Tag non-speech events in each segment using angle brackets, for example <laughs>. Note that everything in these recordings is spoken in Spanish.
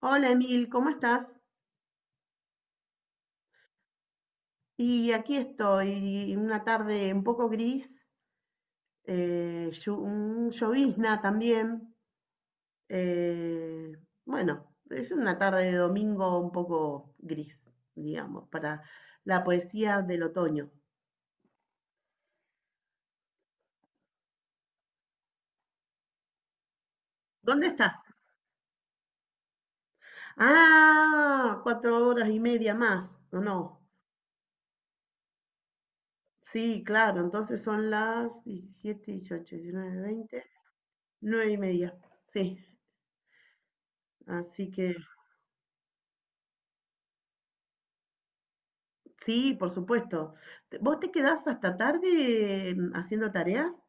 Hola Emil, ¿cómo estás? Y aquí estoy, una tarde un poco gris, un llovizna también. eh, bueno, es una tarde de domingo un poco gris, digamos, para la poesía del otoño. ¿Dónde estás? Ah, 4 horas y media más, ¿o no? Sí, claro, entonces son las 17, 18, 19, 20, 9 y media, sí. Así que. Sí, por supuesto. ¿Vos te quedás hasta tarde haciendo tareas?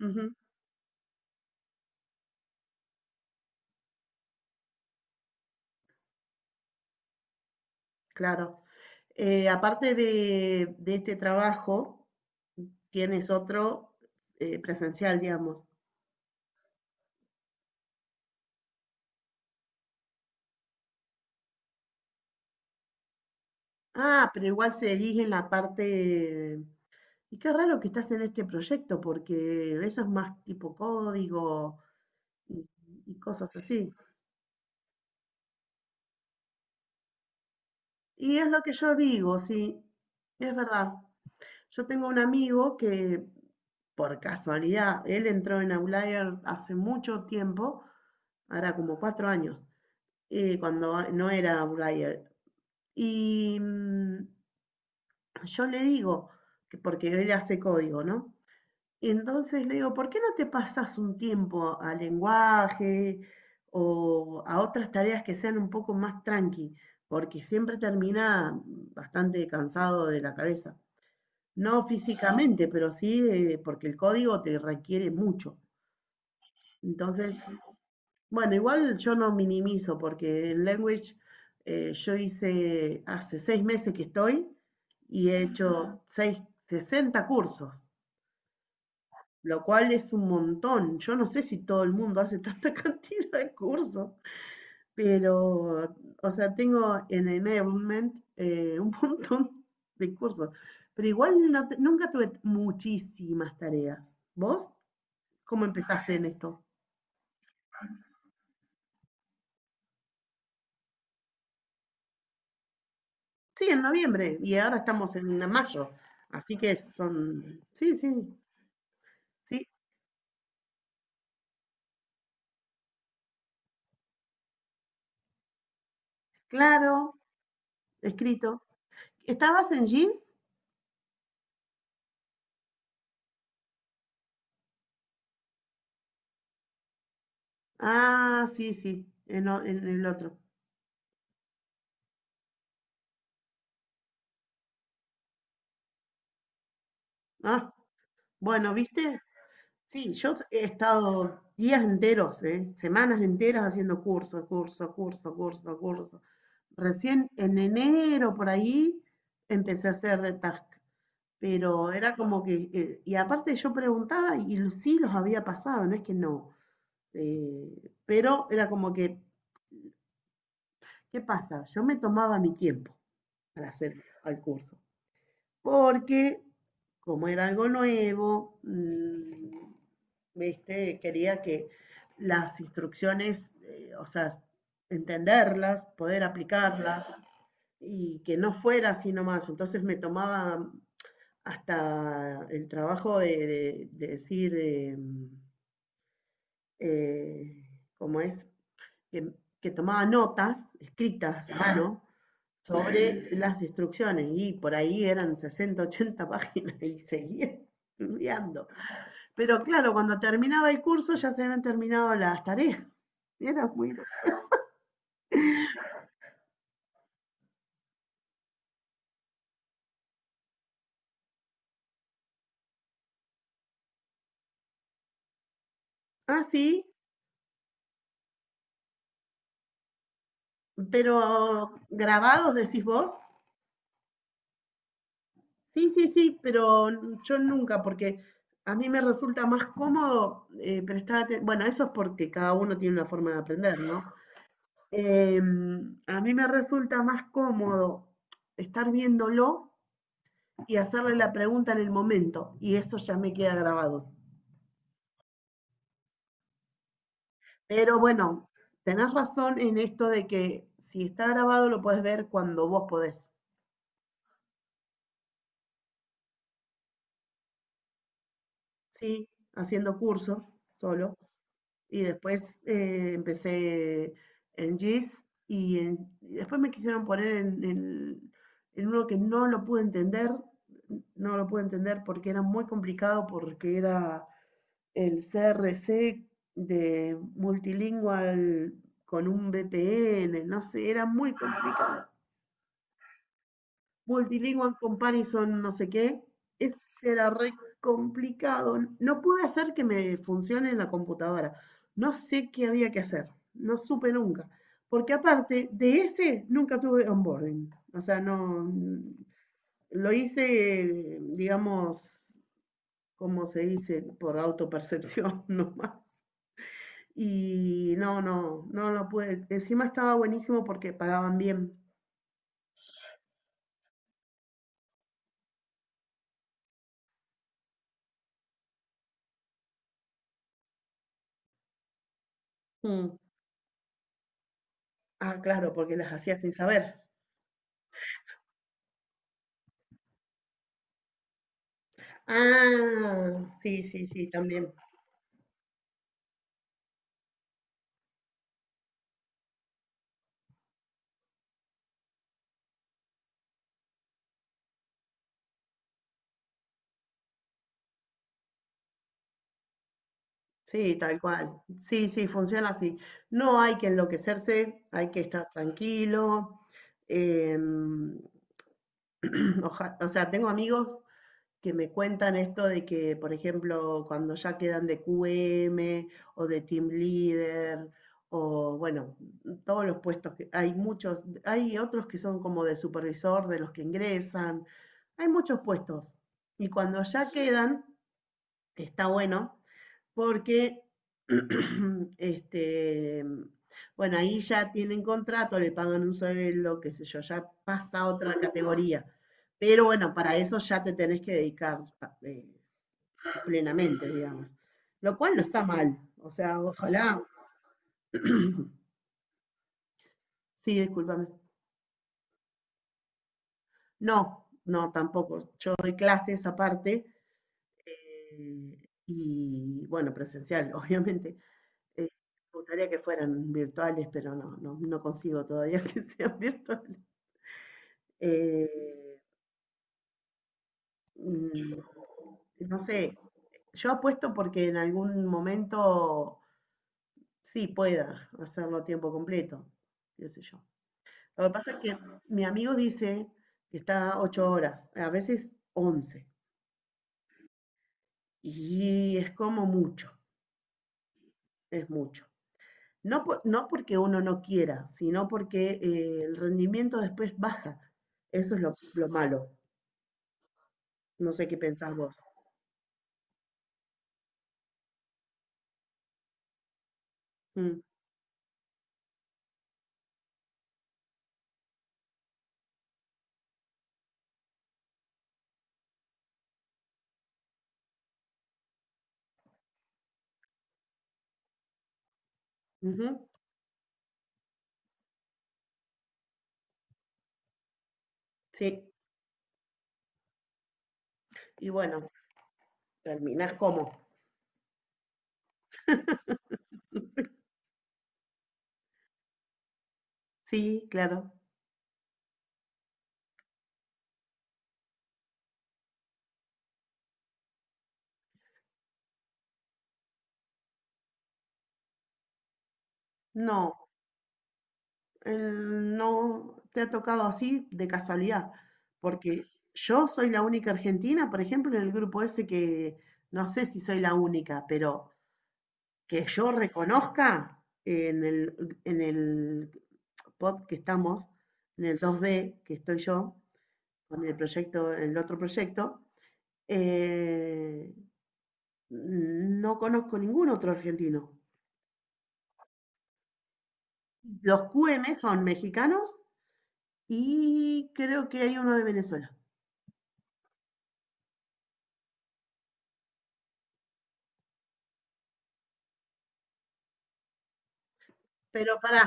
Ujú, claro. Aparte de este trabajo, tienes otro presencial, digamos. Ah, pero igual se elige en la parte. Y qué raro que estás en este proyecto, porque eso es más tipo código y, y cosas así. Y es lo que yo digo, sí, es verdad. Yo tengo un amigo que por casualidad, él entró en Outlier hace mucho tiempo, ahora como 4 años, cuando no era Outlier. Y yo le digo, que porque él hace código, ¿no? Y entonces le digo, ¿por qué no te pasas un tiempo a lenguaje o a otras tareas que sean un poco más tranqui? Porque siempre termina bastante cansado de la cabeza. No físicamente, pero sí porque el código te requiere mucho. Entonces, bueno, igual yo no minimizo porque en Language yo hice, hace 6 meses que estoy y he hecho seis, 60 cursos, lo cual es un montón. Yo no sé si todo el mundo hace <laughs> tanta cantidad de cursos, pero, o sea, tengo en enablement un <laughs> montón de cursos, pero igual nunca tuve muchísimas tareas. ¿Vos cómo empezaste en esto? Sí, en noviembre, y ahora estamos en mayo, así que son, sí, sí, sí, claro, escrito. ¿Estabas en Jeans? Ah, sí, sí, en el otro. Ah, bueno, ¿viste? Sí, yo he estado días enteros, ¿eh? Semanas enteras haciendo curso, curso, curso, curso, curso. Recién en enero por ahí empecé a hacer retask, pero era como que, y aparte yo preguntaba y sí los había pasado, no es que no. Pero era como que, ¿qué pasa? Yo me tomaba mi tiempo para hacer el curso, porque como era algo nuevo, ¿viste? Quería que las instrucciones, o sea, entenderlas, poder aplicarlas y que no fuera así nomás. Entonces me tomaba hasta el trabajo de, de decir, eh, ¿cómo es?, que, que tomaba notas escritas a mano sobre las instrucciones y por ahí eran 60, 80 <laughs> páginas y seguía estudiando. Pero claro, cuando terminaba el curso ya se habían terminado las tareas. <laughs> Era muy. Ah, sí, pero grabados decís vos. Sí, sí, sí, pero yo nunca, porque a mí me resulta más cómodo prestar atención. Bueno, eso es porque cada uno tiene una forma de aprender, ¿no? A mí me resulta más cómodo estar viéndolo y hacerle la pregunta en el momento, y eso ya me queda grabado. Pero bueno, tenés razón en esto de que si está grabado lo puedes ver cuando vos podés, ¿sí? Haciendo cursos solo. Y después empecé en GIS y después me quisieron poner en uno que no lo pude entender, no lo pude entender porque era muy complicado, porque era el C R C de multilingual con un V P N, no sé, era muy complicado. Multilingual Comparison, no sé qué, ese era re complicado. No pude hacer que me funcione en la computadora. No sé qué había que hacer, no supe nunca. Porque aparte de ese, nunca tuve onboarding. O sea, no, lo hice, digamos, como se dice, por autopercepción <laughs> nomás. Y no, no, no lo pude. Encima estaba buenísimo porque pagaban bien. Mm. Ah, claro, porque las hacía sin saber. Ah, sí, sí, sí, también. Sí, tal cual. Sí, sí, funciona así. No hay que enloquecerse, hay que estar tranquilo. em, <clears throat> o sea, tengo amigos que me cuentan esto de que, por ejemplo, cuando ya quedan de QM o de team leader o bueno, todos los puestos que hay muchos, hay otros que son como de supervisor de los que ingresan, hay muchos puestos y cuando ya quedan, está bueno porque, <clears throat> <coughs> este, bueno, ahí ya tienen contrato, le pagan un sueldo, qué sé yo, ya pasa a otra categoría. Pero bueno, para eso ya te tenés que dedicar eh, plenamente, digamos. Lo cual no está mal. O sea, ojalá. Sí, discúlpame. No, no, tampoco. Yo doy clases aparte eh, y, bueno, presencial, <laughs> obviamente. Eh, Me gustaría que fueran virtuales, pero no, no, no consigo todavía <laughs> que sean virtuales. Eh, mm, no sé, yo apuesto porque en algún momento sí pueda hacerlo a tiempo completo, qué sé yo. Lo que pasa es que mi amigo dice que está 8 horas, a veces 11, y es como mucho, es mucho. No, no porque uno no quiera, sino porque el rendimiento después baja. Eso es lo malo. No sé qué pensás vos. Mm, ujú, sí, y bueno, terminás como. <laughs> Sí, claro. No, no te ha tocado así de casualidad, porque yo soy la única argentina, por ejemplo, en el grupo ese, que no sé si soy la única, pero que yo reconozca en el, en el pod que estamos, en el 2B, que estoy yo, con el proyecto, el otro proyecto, eh, no conozco ningún otro argentino. Los QM son mexicanos. Y creo que hay uno de Venezuela. Pero pará,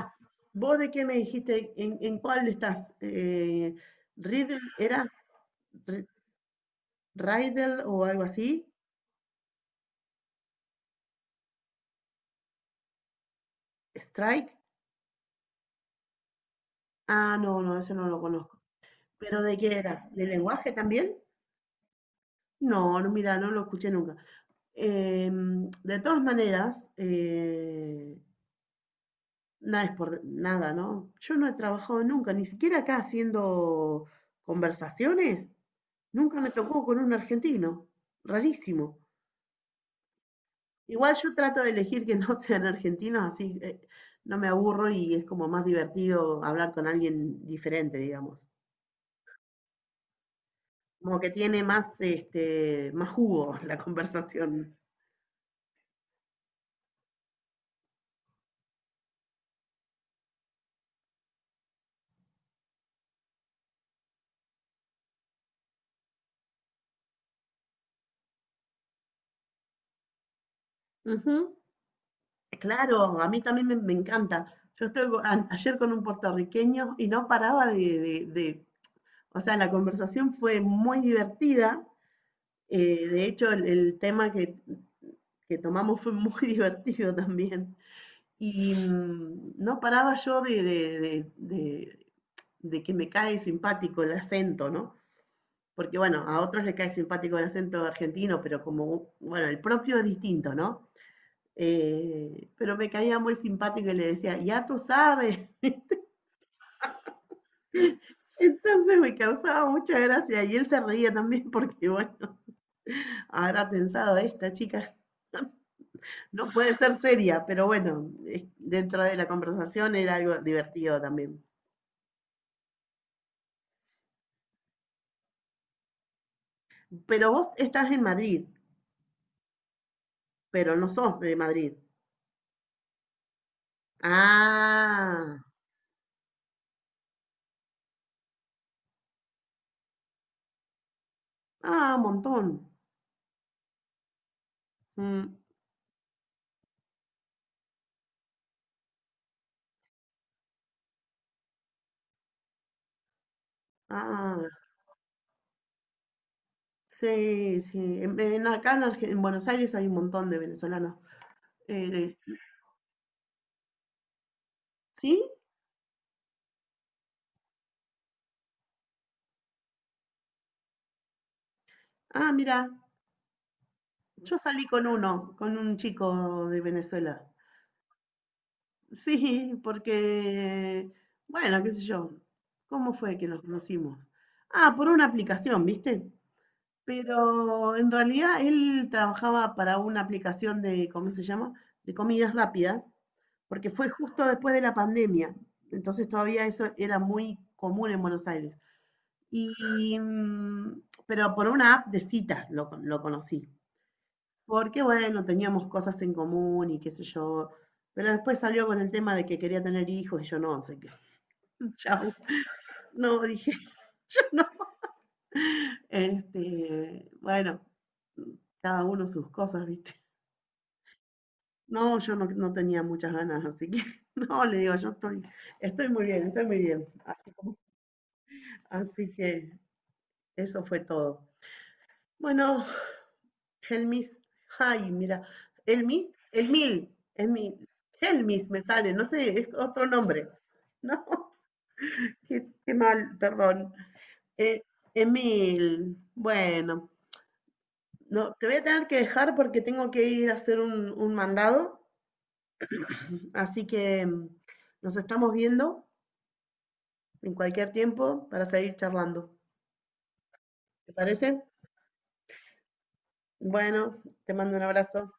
¿vos de qué me dijiste? ¿En cuál estás? Riddle, ¿era R- Riddle o algo así? ¿Strike? Ah, no, no, ese no lo conozco. ¿Pero de qué era? ¿De lenguaje también? No, no, mira, no lo escuché nunca. De todas maneras, nada es por nada, ¿no? Yo no he trabajado nunca, ni siquiera acá haciendo conversaciones. Nunca me tocó con un argentino, rarísimo. Igual yo trato de elegir que <laughs> no sean argentinos, así no me aburro y es como más divertido hablar con alguien diferente, digamos. Como que tiene más, más jugo <laughs> la conversación. Ujú. Claro, a mí también me encanta. Yo estoy ayer con un puertorriqueño y no paraba o sea, la conversación fue muy divertida. De hecho, el tema que tomamos fue muy <laughs> divertido también. Y no paraba yo de que me cae simpático el acento, ¿no? Porque bueno, a otros les cae simpático el acento argentino, pero como, bueno, el propio es distinto, ¿no? Pero me caía muy simpático y le decía, ya tú sabes. <laughs> Entonces me causaba mucha gracia y él se reía también porque, bueno, <laughs> habrá pensado, esta chica no puede ser seria, pero bueno, dentro de la conversación era algo divertido también. Pero vos estás en Madrid. Pero no sos de Madrid. Ah, ah, un montón. Mm, ah, sí, sí. En acá en Buenos Aires hay un montón de venezolanos. Eh, de- ¿Sí? Ah, mira, yo salí con uno, con un chico de Venezuela. Sí, porque, bueno, qué sé yo. ¿Cómo fue que nos conocimos? Ah, por una aplicación, ¿viste? Pero en realidad él trabajaba para una aplicación de, ¿cómo se llama? De comidas rápidas. Porque fue justo después de la pandemia, entonces todavía eso era muy común en Buenos Aires. Y, pero por una app de citas lo conocí, porque bueno, teníamos cosas en común y qué sé yo, pero después salió con el tema de que quería tener hijos y yo no, sé qué, <laughs> chau, no, dije, <laughs> yo no, este, bueno, cada uno sus cosas, viste. No, yo no tenía muchas ganas, así que <laughs> no, le digo, yo estoy muy bien, estoy muy bien. Así como. Así que eso fue todo. Bueno, Helmis, ay, mira, Helmis, Elmil, Elmil, Helmis me sale, no sé, es otro nombre. No, <laughs> qué mal, perdón. Eh, Emil, bueno, no, te voy a tener que dejar porque tengo que ir a hacer un mandado, así que nos estamos viendo en cualquier tiempo para seguir charlando. ¿Te parece? Bueno, te mando un abrazo.